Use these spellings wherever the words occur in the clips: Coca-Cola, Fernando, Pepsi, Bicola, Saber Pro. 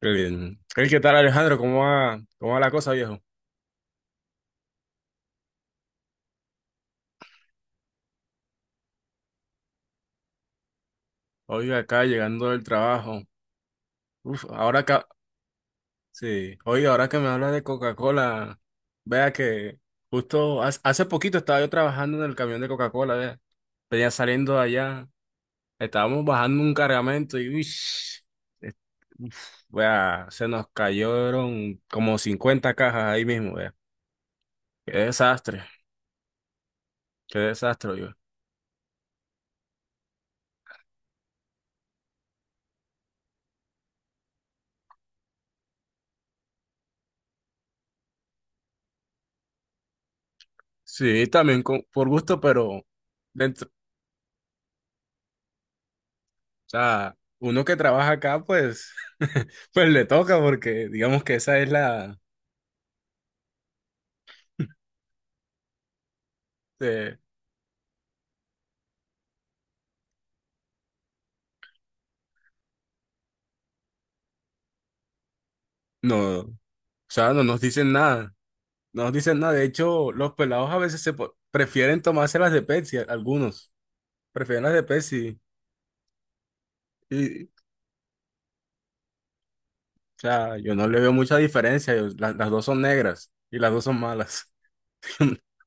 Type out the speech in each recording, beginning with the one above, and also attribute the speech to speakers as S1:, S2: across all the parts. S1: Qué bien. Hey, ¿qué tal Alejandro? ¿Cómo va la cosa, viejo? Oiga, acá llegando del trabajo. Uf, ahora acá, sí. Oiga, ahora que me hablas de Coca-Cola, vea que justo hace poquito estaba yo trabajando en el camión de Coca-Cola, vea. Venía saliendo de allá, estábamos bajando un cargamento y uy, uf, vea, se nos cayeron como 50 cajas ahí mismo, vea. Qué desastre, qué desastre, yo. Sí, también por gusto, pero. Dentro. Sea, uno que trabaja acá, pues, pues le toca porque digamos que esa es la. eh, no, o sea, no nos dicen nada, no nos dicen nada. De hecho, los pelados a veces prefieren tomarse las de Pepsi, algunos prefieren las de Pepsi. Y, o sea, yo no le veo mucha diferencia, las dos son negras y las dos son malas.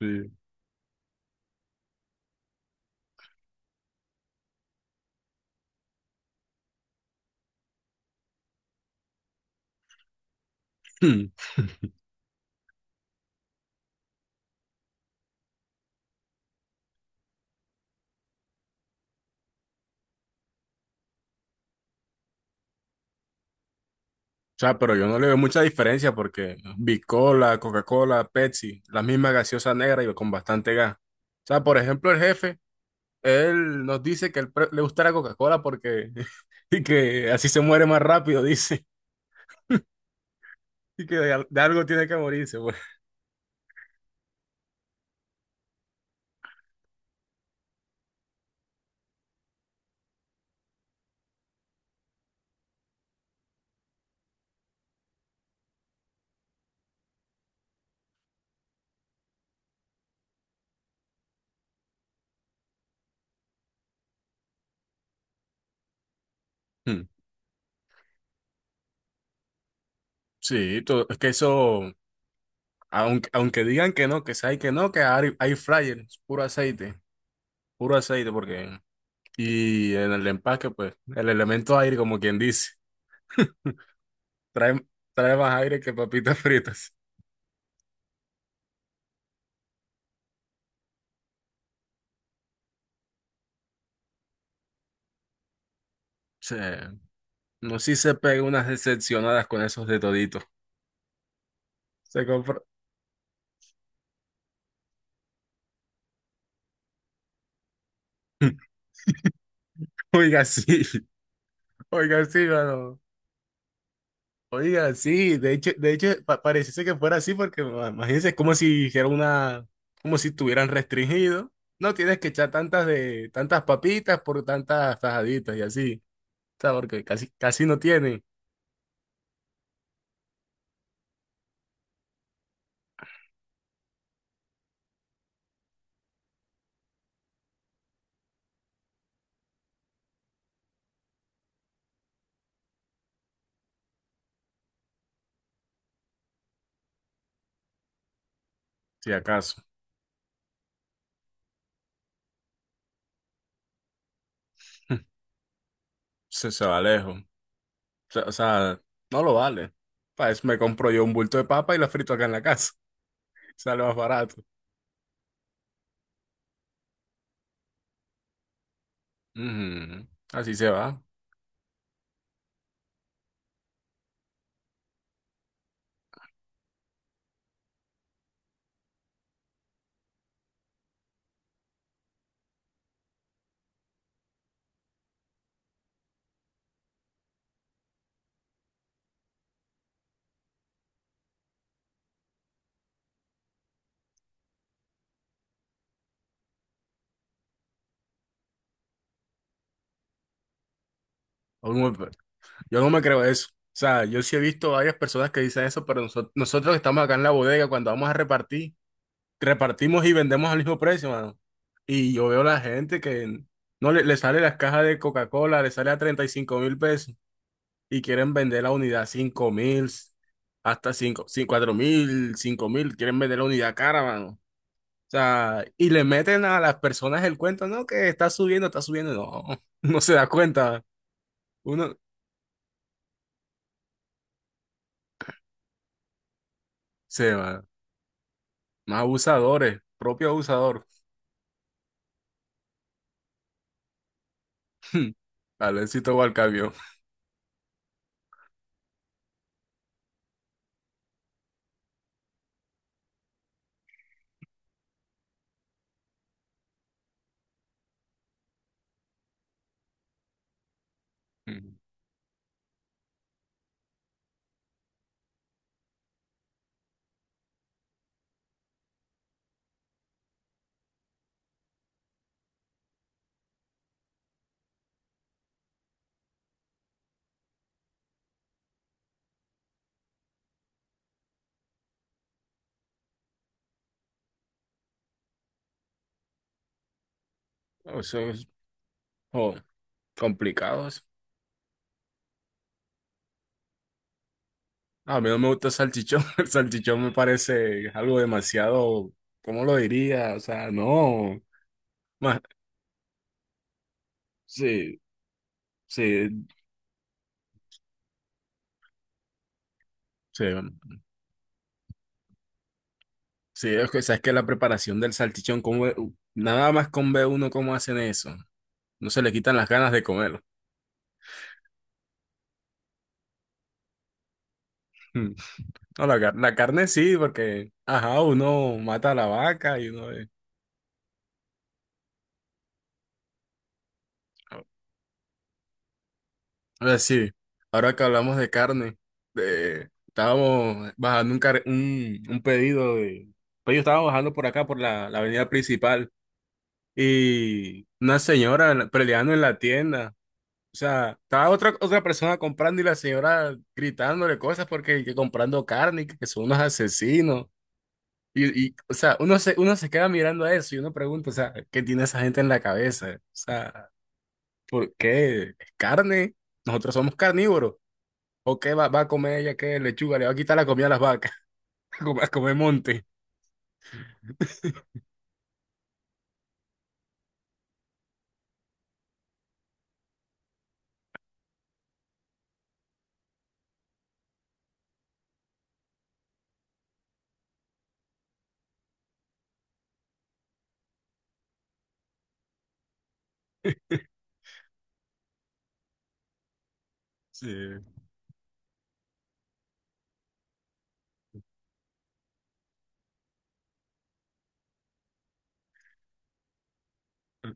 S1: Sí. O sea, pero yo no le veo mucha diferencia porque Bicola, Coca-Cola, Pepsi, la misma gaseosa negra y con bastante gas. O sea, por ejemplo, el jefe. Él nos dice que él le gusta la Coca-Cola porque y que así se muere más rápido, dice. Y que de algo tiene que morirse, pues. Hmm. Sí, es que eso, aunque digan que no, que sabe que no, que hay fryer, es puro aceite, porque. Y en el empaque, pues, el elemento aire, como quien dice, trae, trae más aire que papitas fritas. Sí. No, si se pega unas decepcionadas con esos de todito. Se compra. Oiga, sí, oiga, sí, mano. Oiga, sí, de hecho pareciese que fuera así porque imagínense, es como si hiciera una, como si estuvieran restringido. No tienes que echar tantas papitas por tantas tajaditas y así. O sea, porque casi, casi no tienen, si acaso. Se va lejos. O sea, no lo vale. Para eso me compro yo un bulto de papa y la frito acá en la casa. Sale más barato. Ujú, así se va. Yo no me creo eso. O sea, yo sí he visto varias personas que dicen eso, pero nosotros que estamos acá en la bodega, cuando vamos a repartir, repartimos y vendemos al mismo precio, mano. Y yo veo la gente que no le sale las cajas de Coca-Cola, le sale a 35.000 pesos y quieren vender la unidad a 5 mil, hasta 5 4 mil, 5 mil, quieren vender la unidad cara, mano. O sea, y le meten a las personas el cuento, no, que está subiendo, no, no se da cuenta. Uno se va. Más abusadores, propio abusador. Alencito va al cambio. No, eso es oh, complicado. Eso. A mí no me gusta el salchichón. El salchichón me parece algo demasiado, ¿cómo lo diría? O sea, no. Más, sí, sí, sí. Sí, es que, sabes que la preparación del salchichón, como nada más con ve uno cómo hacen eso. No se le quitan las ganas de comerlo. No, la carne sí, porque, ajá, uno mata a la vaca y uno ve. Oh, ahora sí, ahora que hablamos de carne, estábamos bajando un pedido de. Pues yo estaba bajando por acá, por la avenida principal, y una señora peleando en la tienda. O sea, estaba otra persona comprando y la señora gritándole cosas porque que comprando carne, y que son unos asesinos. O sea, uno se queda mirando a eso y uno pregunta, o sea, ¿qué tiene esa gente en la cabeza? O sea, ¿por qué? ¿Es carne? Nosotros somos carnívoros. ¿O qué va a comer ella? ¿Qué lechuga? Le va a quitar la comida a las vacas. Va a comer monte. Sí.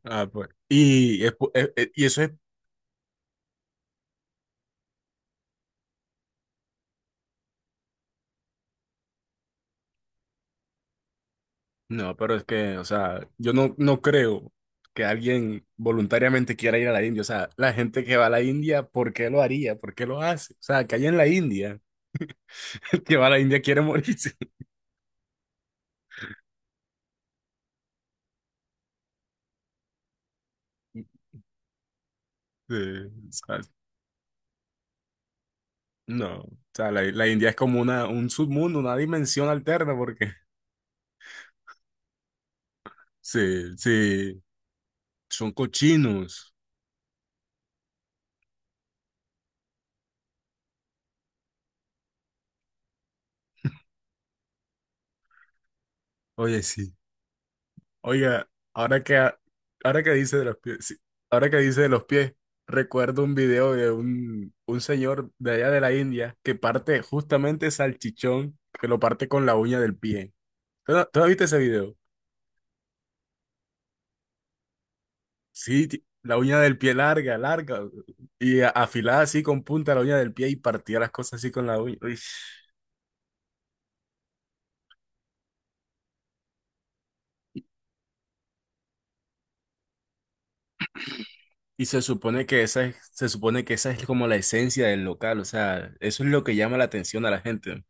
S1: Ah, pues. Y eso es. No, pero es que, o sea, yo no creo que alguien voluntariamente quiera ir a la India. O sea, la gente que va a la India, ¿por qué lo haría? ¿Por qué lo hace? O sea, que allá en la India, el que va a la India quiere morirse. Sí, o sea, no. O sea, la India es como un submundo, una dimensión alterna, porque. Sí, sí. Son cochinos. Oye, sí. Oiga, ahora que dice de los pies, sí, ahora que dice de los pies, recuerdo un video de un señor de allá de la India que parte justamente salchichón, que lo parte con la uña del pie. ¿Tú no viste ese video? Sí, la uña del pie larga, larga, y afilada así con punta la uña del pie y partía las cosas así con la uña. Uy. Y se supone que esa es, se supone que esa es como la esencia del local, o sea, eso es lo que llama la atención a la gente.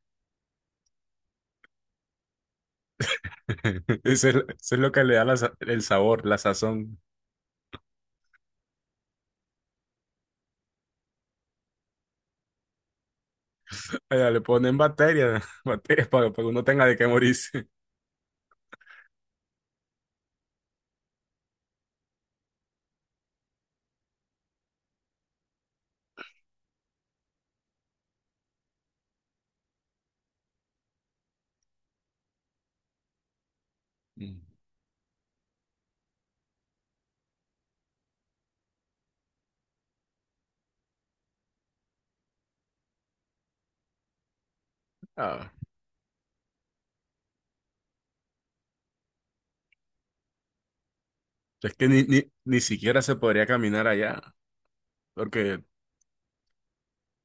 S1: Eso es lo que le da el sabor, la sazón. Allá le ponen bacterias, bacterias para que uno tenga de qué morirse. Mm. Ah, es que ni siquiera se podría caminar allá, porque,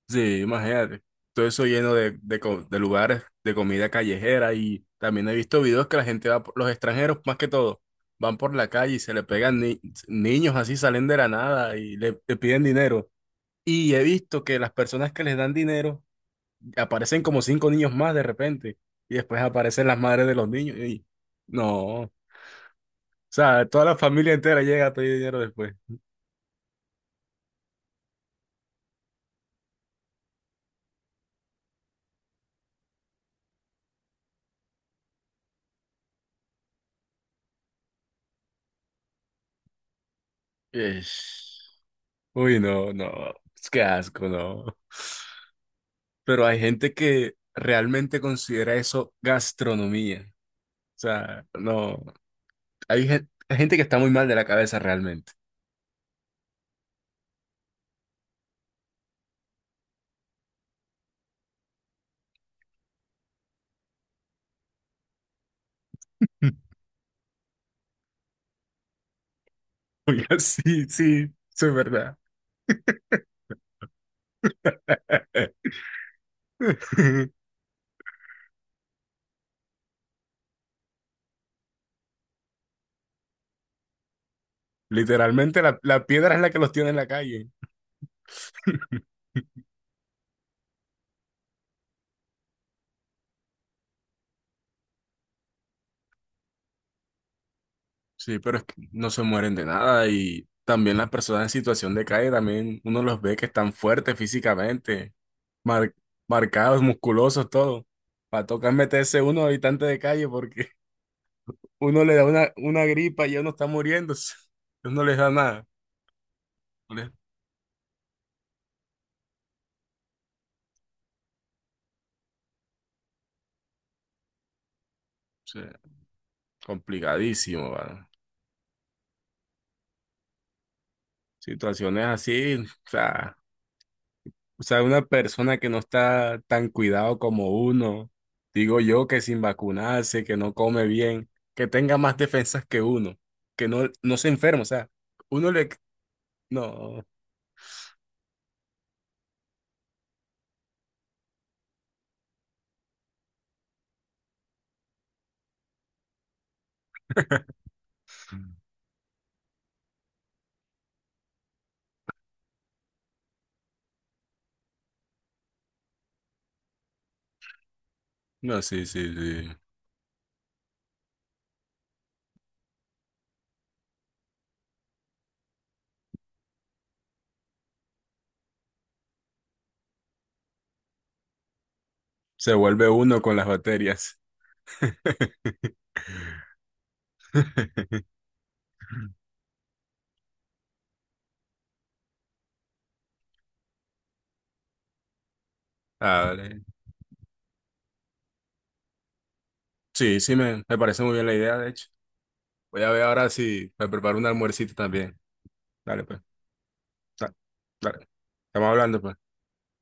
S1: sí, imagínate, todo eso lleno de lugares de comida callejera y también he visto videos que la gente los extranjeros más que todo, van por la calle y se le pegan niños así, salen de la nada y le piden dinero. Y he visto que las personas que les dan dinero y aparecen como cinco niños más de repente, y después aparecen las madres de los niños, y no, o sea, toda la familia entera llega a pedir dinero después. Ish. Uy, no, no, qué asco, no. Pero hay gente que realmente considera eso gastronomía. O sea, no, hay gente que está muy mal de la cabeza realmente. Oiga, sí, sí, eso es verdad. Literalmente la piedra es la que los tiene en la calle. Sí, pero es que no se mueren de nada y también las personas en situación de calle también uno los ve que están fuertes físicamente, mar- marcados, musculosos, todo. Va a tocar meterse uno habitante de calle porque uno le da una gripa y ya uno está muriéndose. Ellos no les da nada. No les- o sea, complicadísimo, ¿va? Situaciones así, sea. O sea, una persona que no está tan cuidado como uno, digo yo que sin vacunarse, que no come bien, que tenga más defensas que uno, que no se enferma, o sea, uno le. No, no, sí, sí, sí. Se vuelve uno con las bacterias. Ah, vale. Sí, sí, me parece muy bien la idea, de hecho. Voy a ver ahora si me preparo un almuercito también. Dale, pues. da- Dale. Estamos hablando, pues.